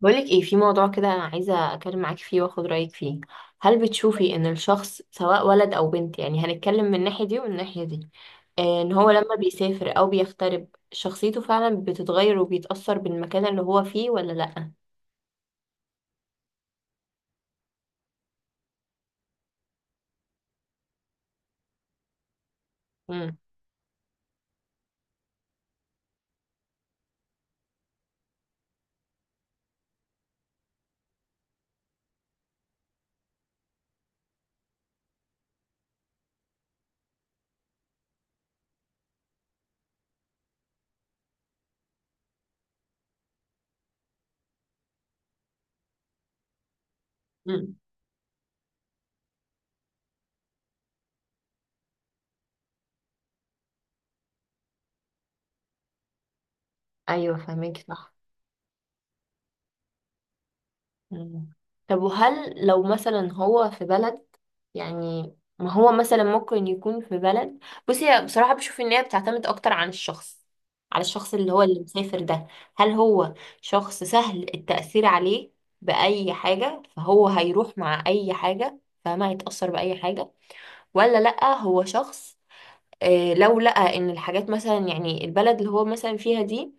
بقولك ايه، في موضوع كده انا عايزه اتكلم معاكي فيه واخد رايك فيه. هل بتشوفي ان الشخص سواء ولد او بنت، يعني هنتكلم من الناحيه دي ومن الناحيه دي. ان هو لما بيسافر او بيغترب شخصيته فعلا بتتغير وبيتاثر بالمكان اللي هو فيه ولا لا؟ امم. ايوه، فهمك صح. مم. طب وهل لو مثلا هو في بلد، يعني ما هو مثلا ممكن يكون في بلد. بصي، هي بصراحة بشوف ان هي بتعتمد اكتر عن الشخص، على الشخص اللي هو اللي مسافر ده. هل هو شخص سهل التأثير عليه بأي حاجة فهو هيروح مع أي حاجة فما هيتأثر بأي حاجة، ولا لأ هو شخص، لو لقى ان الحاجات مثلا يعني البلد اللي هو مثلا فيها دي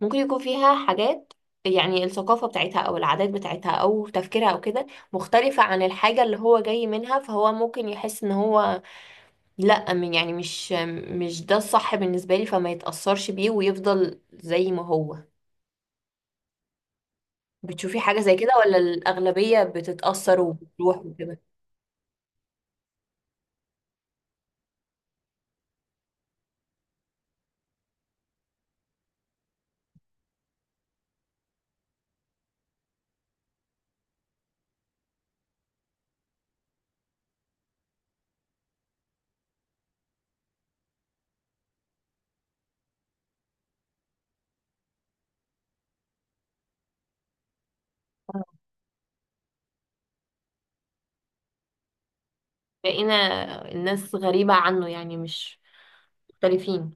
ممكن يكون فيها حاجات، يعني الثقافة بتاعتها أو العادات بتاعتها أو تفكيرها أو كده مختلفة عن الحاجة اللي هو جاي منها، فهو ممكن يحس إن هو لأ يعني مش ده الصح بالنسبة لي، فما يتأثرش بيه ويفضل زي ما هو. بتشوفي حاجة زي كده ولا الأغلبية بتتأثر وبتروح وكده؟ لقينا الناس غريبة عنه، يعني مش مختلفين.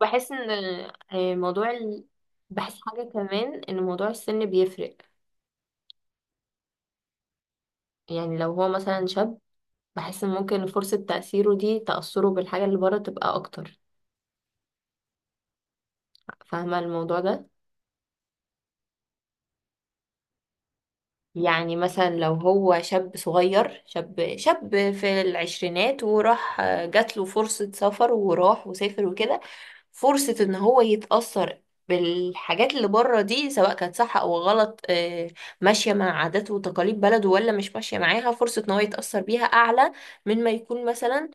بحس إن آه، موضوع ال... بحس حاجة كمان إن موضوع السن بيفرق. يعني لو هو مثلا شاب، بحس ممكن فرصة تأثيره دي تأثره بالحاجة اللي بره تبقى أكتر، فاهمة الموضوع ده؟ يعني مثلا لو هو شاب صغير، شاب في العشرينات وراح جات له فرصة سفر وراح وسافر وكده، فرصة إن هو يتأثر بالحاجات اللي بره دي سواء كانت صح أو غلط، ماشية مع عادات وتقاليد بلده ولا مش ماشية معاها، فرصة إن هو يتأثر بيها أعلى من ما يكون مثلا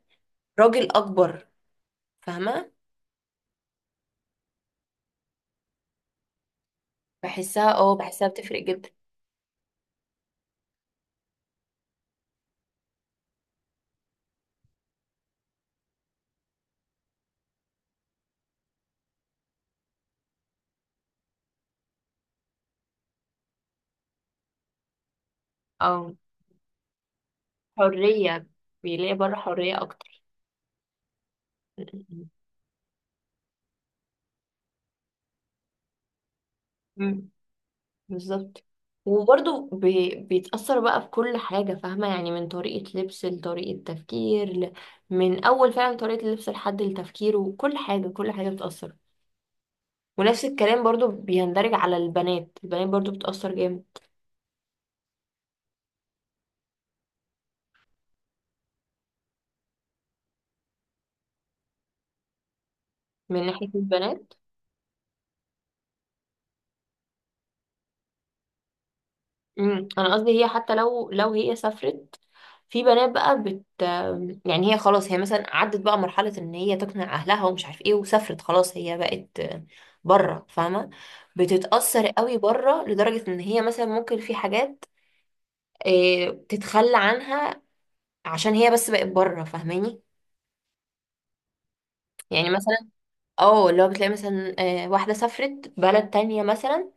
راجل أكبر. فاهمة. بحسها بتفرق. جدا. حرية. بيلاقي بره حرية أكتر. م- م. بالظبط. وبرضه بيتأثر بقى بكل حاجة، فاهمة، يعني من طريقة لبس لطريقة تفكير من أول فعلا طريقة اللبس لحد التفكير، وكل حاجة كل حاجة بتأثر. ونفس الكلام برضه بيندرج على البنات. البنات برضه بتأثر جامد. من ناحية البنات. امم. انا قصدي هي حتى لو هي سافرت، في بنات بقى يعني هي خلاص هي مثلا عدت بقى مرحلة ان هي تقنع اهلها ومش عارف ايه وسافرت خلاص هي بقت بره، فاهمة، بتتأثر قوي بره لدرجة ان هي مثلا ممكن في حاجات تتخلى عنها عشان هي بس بقت بره، فاهماني. يعني مثلا اه اللي هو بتلاقي مثلا واحدة سافرت بلد تانية مثلا،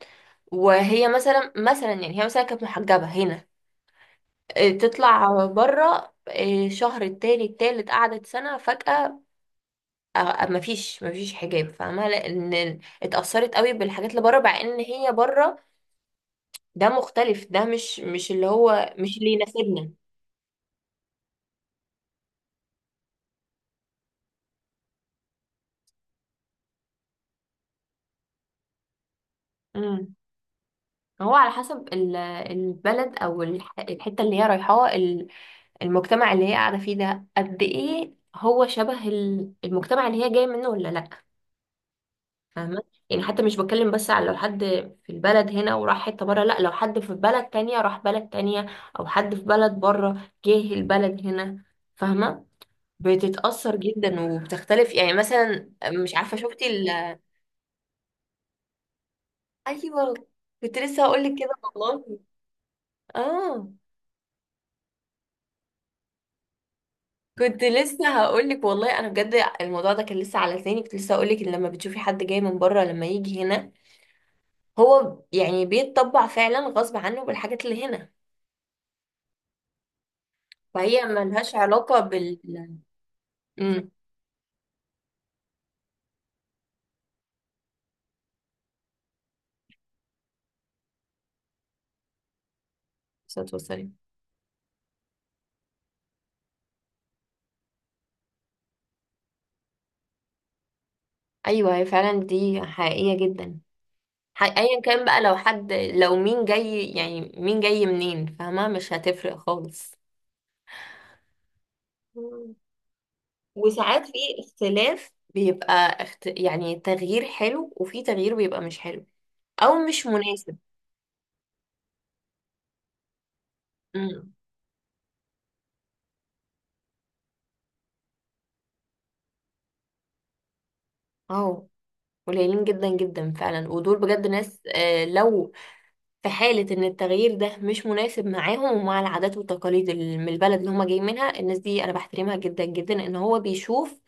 وهي مثلا يعني هي مثلا كانت محجبة هنا، تطلع بره شهر التاني التالت قعدت سنة، فجأة مفيش حجاب، فاهمة، لأن اتأثرت قوي بالحاجات اللي بره، مع إن هي بره ده مختلف، ده مش اللي هو مش اللي يناسبنا. امم. هو على حسب البلد أو الحتة اللي هي رايحاها، المجتمع اللي هي قاعدة فيه ده قد إيه هو شبه المجتمع اللي هي جاية منه ولا لأ، فاهمة. يعني حتى مش بتكلم بس على لو حد في البلد هنا وراح حتة بره، لا، لو حد في بلد تانية راح بلد تانية، او حد في بلد بره جه البلد هنا، فاهمة، بتتأثر جدا وبتختلف. يعني مثلا مش عارفة شفتي ايوه كنت لسه هقولك كده. والله اه كنت لسه هقولك، والله انا بجد الموضوع ده كان لسه على لساني، كنت لسه هقولك ان لما بتشوفي حد جاي من بره، لما يجي هنا، هو يعني بيتطبع فعلا غصب عنه بالحاجات اللي هنا. فهي ملهاش علاقة امم. صوت وسلم. ايوه هي فعلا دي حقيقية جدا. ايا كان بقى، لو مين جاي، يعني مين جاي منين، فاهمة، مش هتفرق خالص. مم. وساعات في اختلاف بيبقى يعني تغيير حلو وفي تغيير بيبقى مش حلو او مش مناسب. امم. اه، قليلين جدا جدا فعلا ودول بجد ناس، لو في حالة إن التغيير ده مش مناسب معاهم ومع العادات والتقاليد من البلد اللي هما جايين منها، الناس دي أنا بحترمها جدا جدا، إن هو بيشوف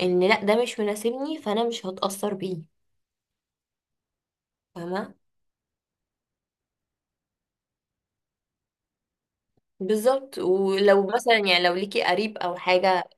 إن لأ ده مش مناسبني، فأنا مش هتأثر بيه، فاهمة. بالظبط. ولو مثلا يعني لو ليكي قريب أو حاجة.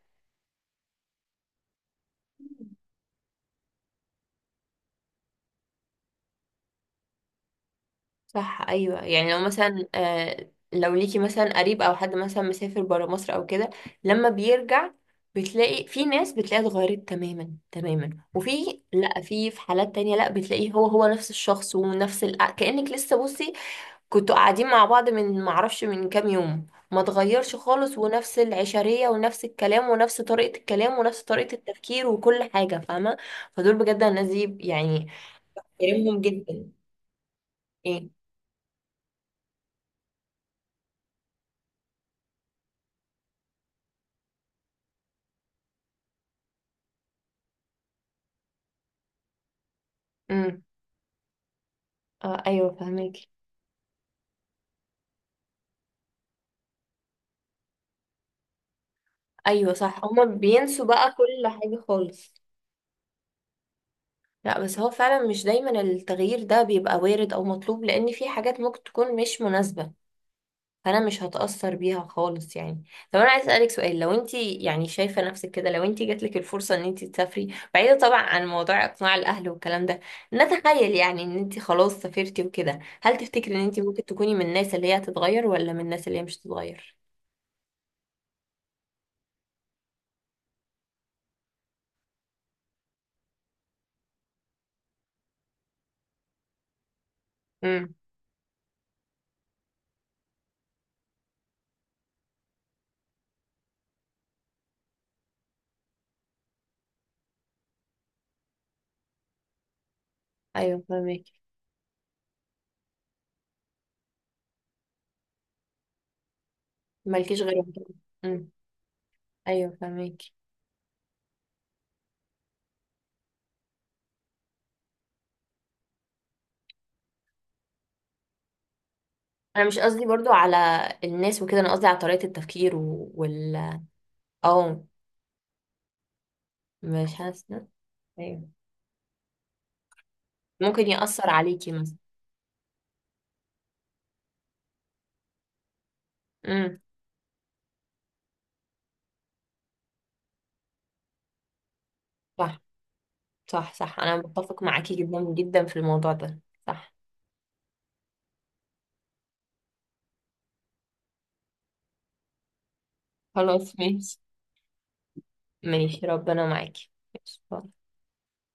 صح، ايوه، يعني لو مثلا لو ليكي مثلا قريب او حد مثلا مسافر برا مصر او كده، لما بيرجع بتلاقي في ناس بتلاقيها اتغيرت تماما تماما، وفي، لا، في حالات تانية لا بتلاقيه هو هو نفس الشخص ونفس كأنك لسه، بصي، كنتوا قاعدين مع بعض من معرفش من كام يوم، ما اتغيرش خالص، ونفس العشرية ونفس الكلام ونفس طريقة الكلام ونفس طريقة التفكير وكل حاجة، فاهمة. فدول بجد الناس دي يعني كريمهم جدا. ايه. إمم. اه، ايوه، فهماكي. ايوه صح، هما بينسوا بقى كل حاجة خالص. لا بس هو فعلا مش دايما التغيير ده بيبقى وارد او مطلوب، لان في حاجات ممكن تكون مش مناسبة، فانا مش هتأثر بيها خالص يعني. طب انا عايز اسألك سؤال، لو انت يعني شايفة نفسك كده، لو انت جاتلك الفرصة ان انت تسافري، بعيدة طبعا عن موضوع اقناع الاهل والكلام ده، نتخيل يعني ان انت خلاص سافرتي وكده، هل تفتكري ان انت ممكن تكوني من الناس اللي هي هتتغير ولا من الناس اللي هي مش هتتغير؟ امم. ايوه فهماكي. مالكيش غيرهم. ايوه فاهمك. انا مش قصدي برضو على الناس وكده، انا قصدي على طريقة التفكير اه. مش حاسة. ايوه ممكن يأثر عليكي مثلا. امم. صح صح صح، انا متفق معاكي جدا جدا في الموضوع ده. صح. خلاص ماشي. ماشي، ربنا معاكي. ماشي.